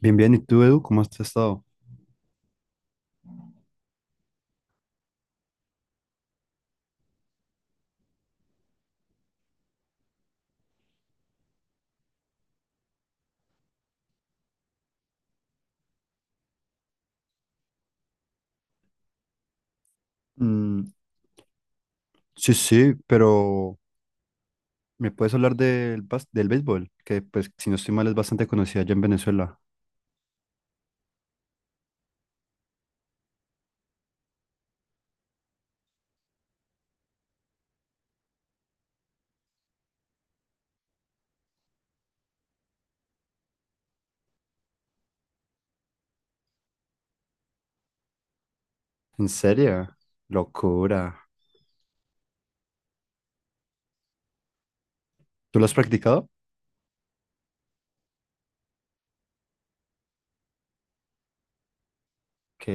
Bien, bien. ¿Y tú, Edu, cómo has estado? Mm, sí, sí, pero ¿me puedes hablar del béisbol? Que, pues, si no estoy mal, es bastante conocida allá en Venezuela. ¿En serio? Locura. ¿Tú lo has practicado? Ok.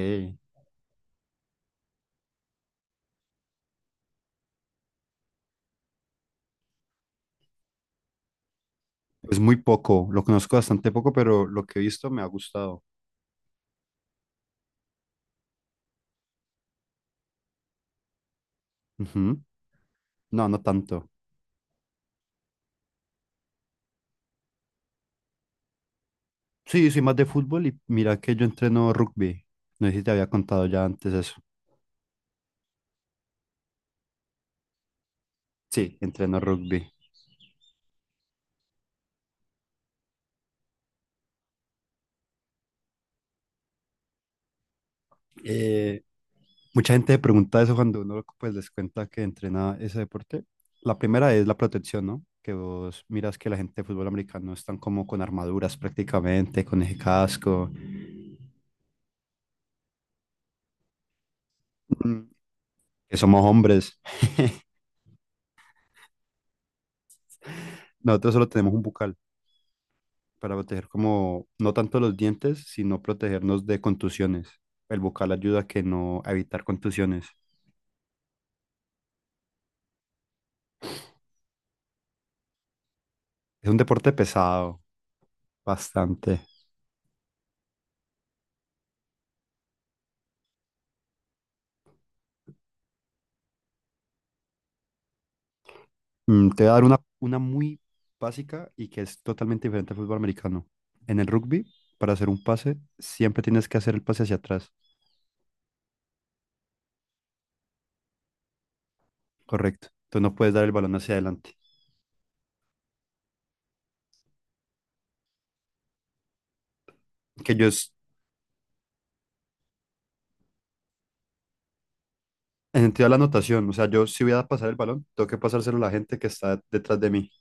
Pues muy poco, lo conozco bastante poco, pero lo que he visto me ha gustado. Ujú. No, no tanto. Sí, soy más de fútbol y mira que yo entreno rugby. No sé si te había contado ya antes eso. Sí, entreno rugby. Eh, Mucha gente pregunta eso cuando uno, pues, les cuenta que entrena ese deporte. La primera es la protección, ¿no? Que vos miras que la gente de fútbol americano están como con armaduras prácticamente, con ese casco. Mm, Que somos hombres. Nosotros solo tenemos un bucal para proteger, como, no tanto los dientes, sino protegernos de contusiones. El bucal ayuda a que no a evitar contusiones. Es un deporte pesado, bastante. Te voy a dar una muy básica y que es totalmente diferente al fútbol americano. En el rugby, para hacer un pase, siempre tienes que hacer el pase hacia atrás, correcto. Entonces no puedes dar el balón hacia adelante. Que yo es, en sentido de la anotación, o sea, yo si voy a pasar el balón, tengo que pasárselo a la gente que está detrás de mí,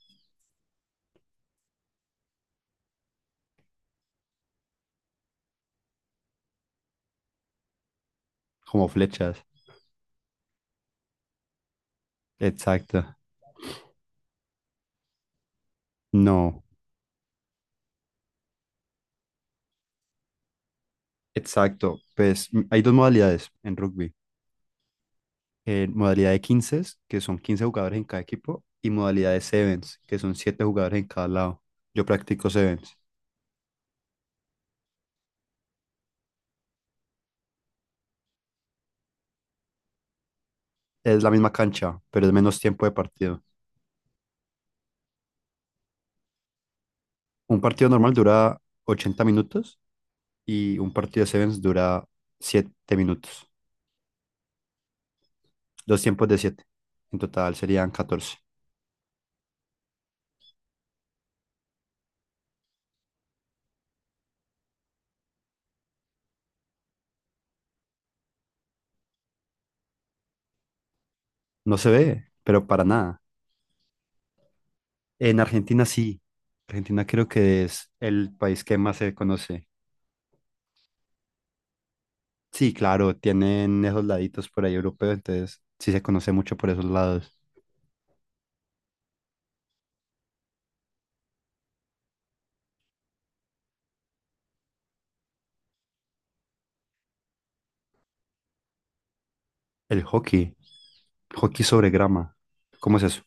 como flechas. Exacto. No. Exacto. Hay dos modalidades en rugby. Modalidad de 15, que son 15 jugadores en cada equipo, y modalidad de sevens, que son 7 jugadores en cada lado. Yo practico sevens. Es la misma cancha, pero es menos tiempo de partido. Un partido normal dura 80 minutos y un partido de sevens dura 7 minutos. Dos tiempos de siete. En total serían 14. No se ve, pero para nada. En Argentina sí. Argentina creo que es el país que más se conoce. Sí, claro, tienen esos laditos por ahí europeos, entonces sí se conoce mucho por esos lados. El hockey, hockey sobre grama. ¿Cómo es eso?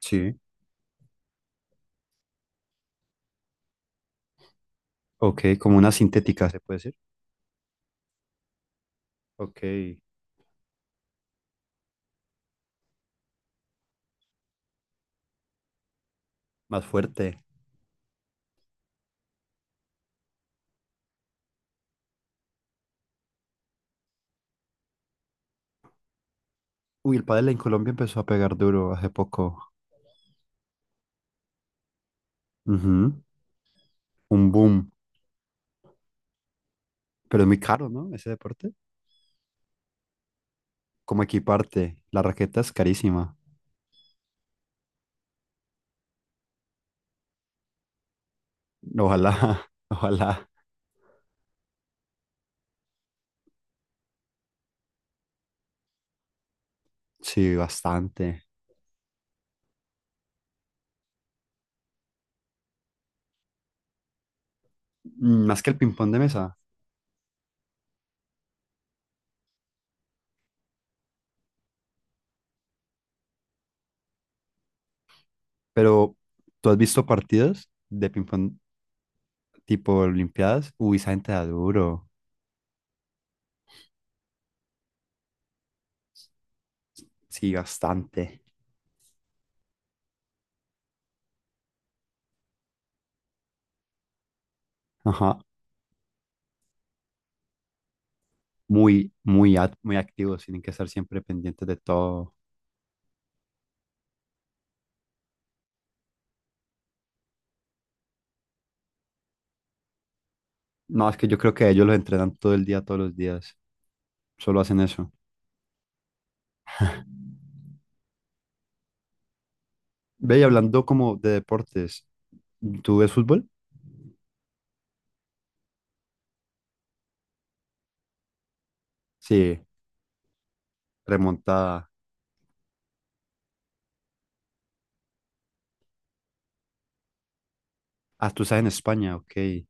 Sí. Ok, como una sintética, se puede decir. Ok, más fuerte. Uy, el pádel en Colombia empezó a pegar duro hace poco. Ujú. Un boom. Pero es muy caro, ¿no? Ese deporte. Como equiparte? La raqueta es carísima. Ojalá, ojalá. Sí, bastante. Más que el ping-pong de mesa. Pero ¿tú has visto partidas de ping tipo Olimpiadas? Uy, esa gente da duro, sí, bastante, ajá, muy, muy, muy activos, tienen que estar siempre pendientes de todo. No, es que yo creo que ellos los entrenan todo el día, todos los días, solo hacen eso. Ve, y hablando como de deportes, ¿tú ves fútbol? Sí, remontada. Ah, tú estás en España, ok.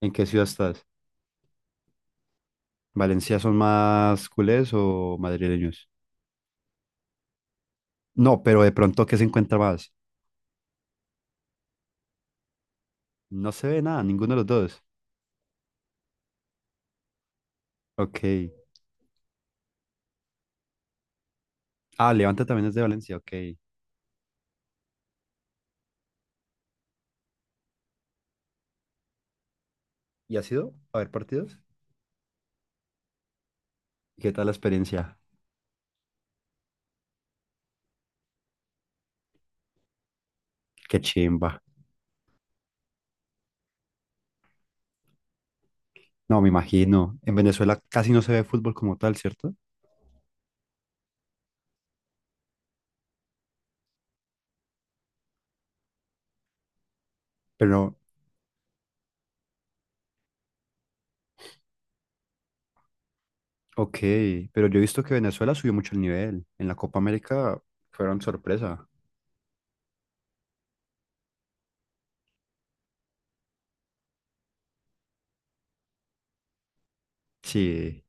¿En qué ciudad estás? ¿Valencia son más culés o madrileños? No, pero de pronto, ¿qué se encuentra más? No se ve nada, ninguno de los dos. Ok. Ah, Levante también es de Valencia, ok. ¿Y ha sido a ver partidos? ¿Qué tal la experiencia? Qué chimba. No, me imagino. En Venezuela casi no se ve fútbol como tal, ¿cierto? Pero, ok, pero yo he visto que Venezuela subió mucho el nivel. En la Copa América fueron sorpresa. Sí,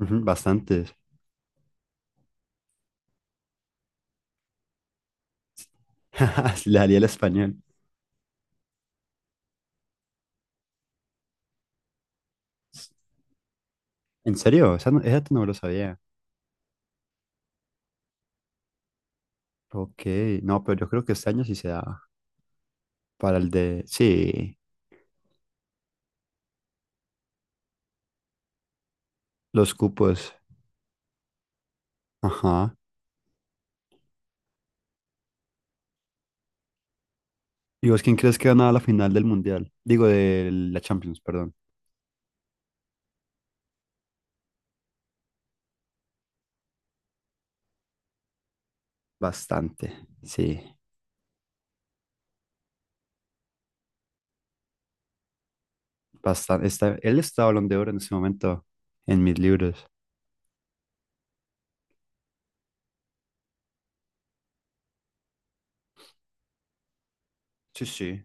ujú, bastantes. Sí, le haría el español. ¿En serio? Esa no me lo sabía. Ok, no, pero yo creo que este año sí se da para el de, sí, los cupos. Ajá. ¿Y vos quién crees que gana la final del Mundial? Digo, de la Champions, perdón. Bastante, sí, bastante. Está, él está Balón de Oro en este momento en mis libros. Sí, sí.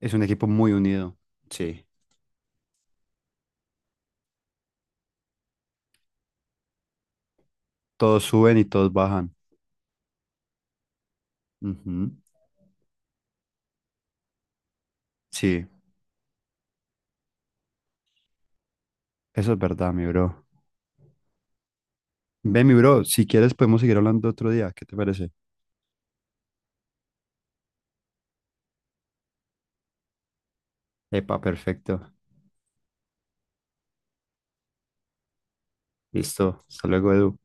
Es un equipo muy unido. Sí. Todos suben y todos bajan. Ujú, sí, eso es verdad, mi bro. Ve, mi bro, si quieres podemos seguir hablando otro día. ¿Qué te parece? Epa, perfecto. Listo. Hasta luego, Edu.